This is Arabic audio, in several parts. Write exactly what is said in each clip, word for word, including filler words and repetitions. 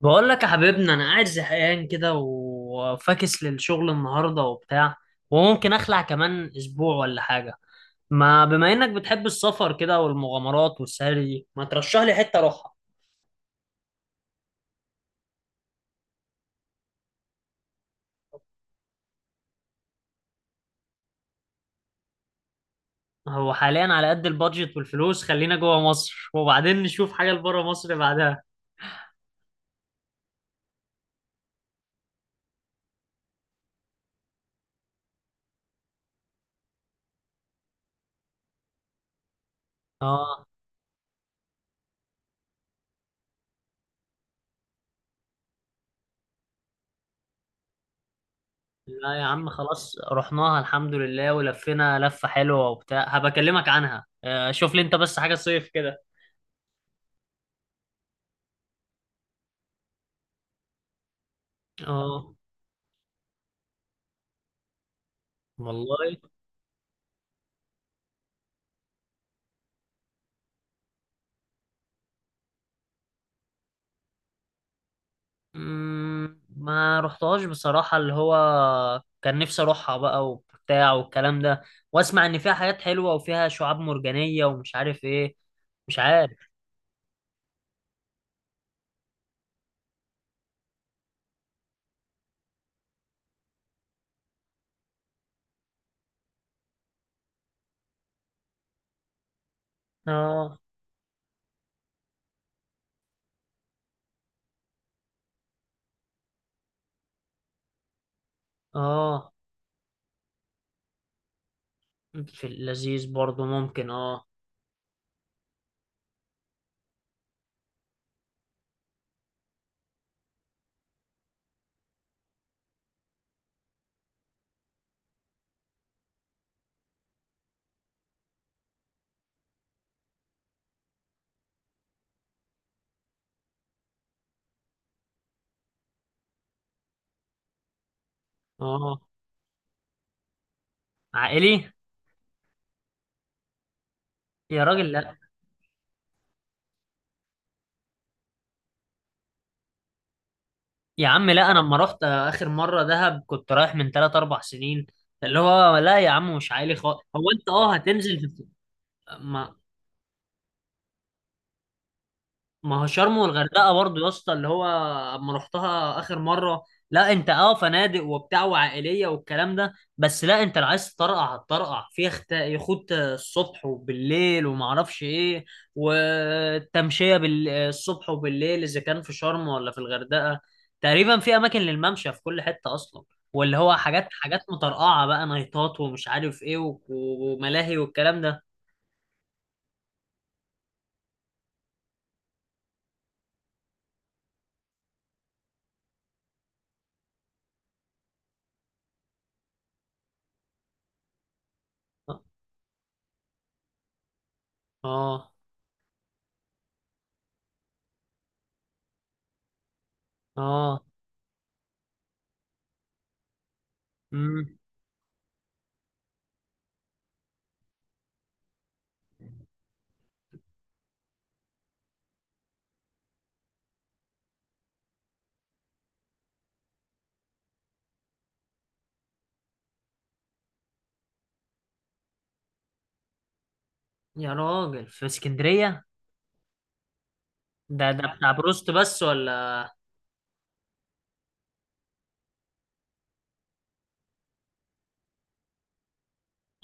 بقول لك يا حبيبنا انا قاعد زهقان كده وفاكس للشغل النهارده وبتاع وممكن اخلع كمان اسبوع ولا حاجه. ما بما انك بتحب السفر كده والمغامرات والسهري ما ترشح لي حته اروحها؟ هو حاليا على قد البادجت والفلوس خلينا جوه مصر وبعدين نشوف حاجه لبره مصر بعدها. اه. لا يا عم خلاص رحناها الحمد لله ولفينا لفه حلوه وبتاع هبكلمك عنها آه، شوف لي انت بس حاجه صيف كده. اه. والله. مم، ما رحتهاش بصراحة اللي هو كان نفسي اروحها بقى وبتاع والكلام ده، واسمع ان فيها حاجات حلوة وفيها شعاب مرجانية ومش عارف ايه. مش عارف. اه. اه، في اللذيذ برضو ممكن اه. اه، عائلي. يا راجل لا. يا عم لا انا لما رحت اخر مرة دهب كنت رايح من ثلاثة أربعة سنين. اللي هو لا يا عم مش عائلي خالص، هو انت اه هتنزل في... ما ما هو شرم والغردقه برضو يا اسطى اللي هو اما رحتها اخر مره، لا انت اه فنادق وبتاع وعائليه والكلام ده، بس لا انت لو عايز تطرقع هتطرقع في يخت يخوت الصبح وبالليل وما اعرفش ايه والتمشيه بالصبح وبالليل اذا كان في شرم ولا في الغردقه. تقريبا في اماكن للممشى في كل حته اصلا، واللي هو حاجات حاجات مطرقعه بقى نايتات ومش عارف ايه و- وملاهي والكلام ده. اه. اه. آه، امم. يا راجل في اسكندرية؟ ده ده آه. بتاع بروست بس ولا؟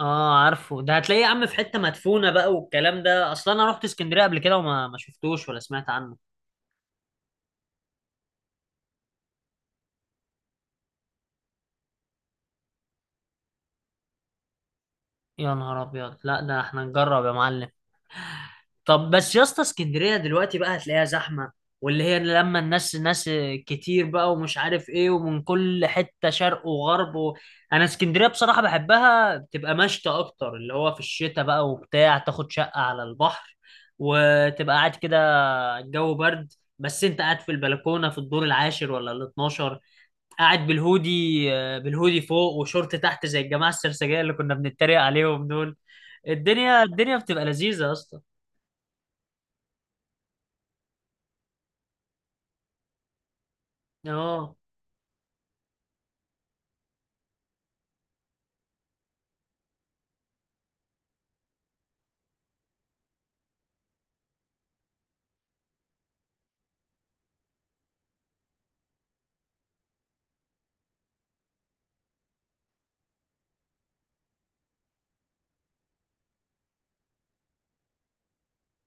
اه عارفه، ده هتلاقيه يا عم في حتة مدفونة بقى والكلام ده، اصلا انا رحت اسكندرية قبل كده وما ما شفتوش ولا سمعت عنه. يا نهار ابيض، لا ده احنا نجرب يا معلم. طب بس يا اسطى اسكندرية دلوقتي بقى هتلاقيها زحمة، واللي هي لما الناس ناس كتير بقى ومش عارف ايه ومن كل حتة شرق وغرب و... انا اسكندرية بصراحة بحبها، بتبقى مشتى اكتر اللي هو في الشتاء بقى وبتاع، تاخد شقة على البحر وتبقى قاعد كده، الجو برد بس انت قاعد في البلكونه في الدور العاشر ولا ال الاتناشر، قاعد بالهودي، آه، بالهودي فوق وشورت تحت زي الجماعه السرسجيه اللي كنا بنتريق عليهم دول. الدنيا الدنيا بتبقى لذيذه يا اسطى. اه.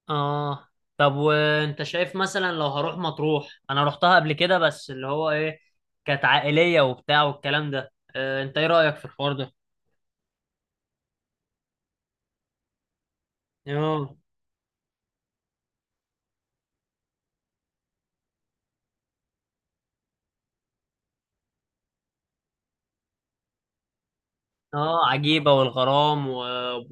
اه. طب وانت شايف مثلا لو هروح مطروح؟ انا رحتها قبل كده بس اللي هو ايه، كانت عائليه وبتاع والكلام ده، آه، انت ايه رايك في الحوار ده؟ اه. اه، عجيبة والغرام و...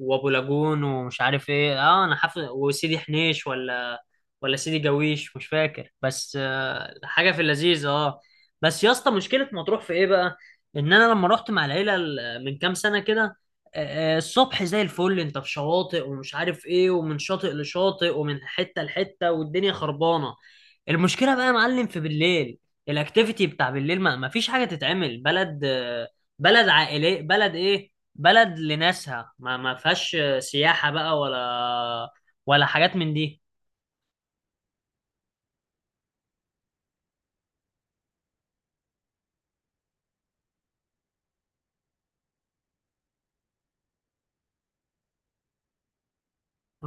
وابو لاجون ومش عارف ايه، اه انا حافظ، وسيدي حنيش ولا ولا سيدي جويش مش فاكر، بس آه حاجة في اللذيذ اه. بس يا اسطى مشكلة مطروح في ايه بقى؟ ان انا لما رحت مع العيلة ال- من كام سنة كده، آه آه، الصبح زي الفل انت في شواطئ ومش عارف ايه ومن شاطئ لشاطئ ومن حتة لحتة والدنيا خربانة. المشكله بقى يا معلم في بالليل، الاكتيفيتي بتاع بالليل ما ما فيش حاجه تتعمل، بلد بلد عائليه، بلد ايه، بلد لناسها ما ما فيهاش سياحه بقى ولا ولا حاجات من دي.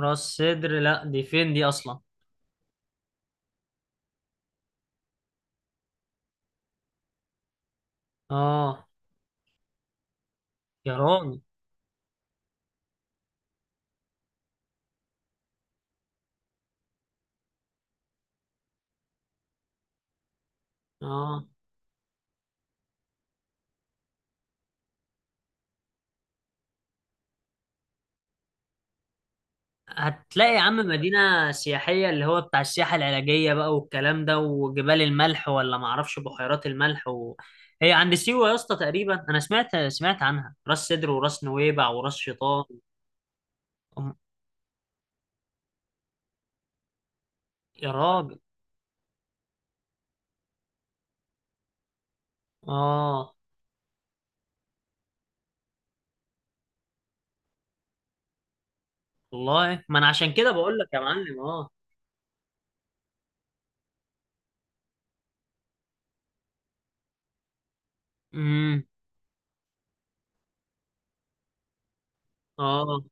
راس سدر لا دي فين دي اصلا؟ اه. يا راجل. اه. هتلاقي يا عم مدينة سياحية اللي هو بتاع السياحة العلاجية بقى والكلام ده وجبال الملح ولا معرفش بحيرات الملح و... هي عند سيوة يا اسطى تقريبا، أنا سمعت سمعت عنها، راس سدر وراس نويبع وراس شيطان. أم- يا راجل. آه. والله ما أنا عشان كده بقول لك يا معلم آه. امم. آه.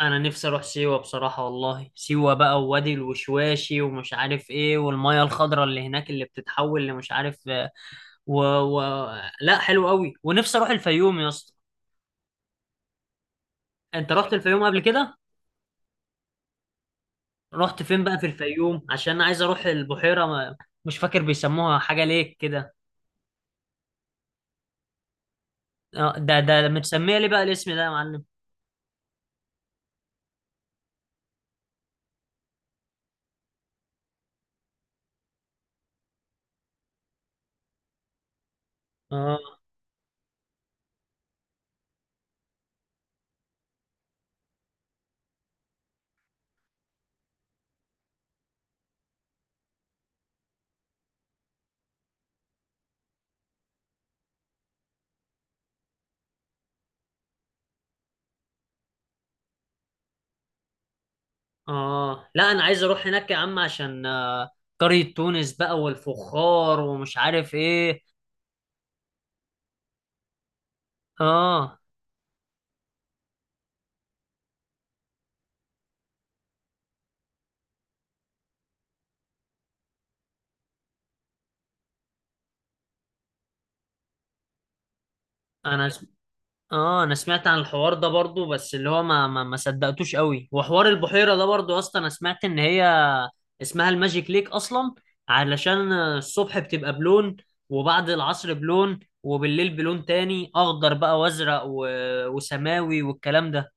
أنا نفسي أروح سيوة بصراحة والله، سيوة بقى ووادي الوشواشي ومش عارف إيه والمية الخضراء اللي هناك اللي بتتحول لمش عارف و... و... لا حلو قوي، ونفسي اروح الفيوم يا اسطى. انت رحت الفيوم قبل كده؟ رحت فين بقى في الفيوم؟ عشان انا عايز اروح البحيره ما... مش فاكر بيسموها حاجه ليك كده. آه، ده ده متسميه ليه بقى الاسم ده يا معلم؟ اه. اه لا انا عايز اروح هناك يا عم عشان آه، قريه تونس بقى والفخار ومش عارف ايه. اه. انا اه، انا سمعت عن الحوار ده برضو بس اللي هو ما ما, ما صدقتوش قوي، وحوار البحيرة ده برضو اصلا انا سمعت ان هي اسمها الماجيك ليك اصلا علشان الصبح بتبقى بلون وبعد العصر بلون وبالليل بلون تاني، اخضر بقى وازرق و... وسماوي والكلام ده.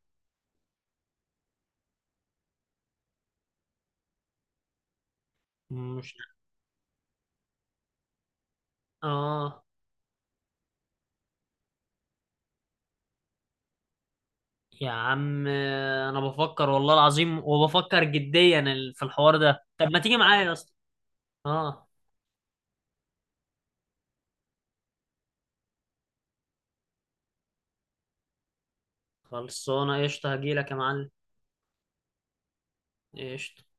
مش اه. يا عم انا بفكر والله العظيم، وبفكر جديا ال- في الحوار ده، طب ما تيجي معايا يا اسطى؟ اه. خلصانه قشطه، هجيلك يا معلم. قشطه.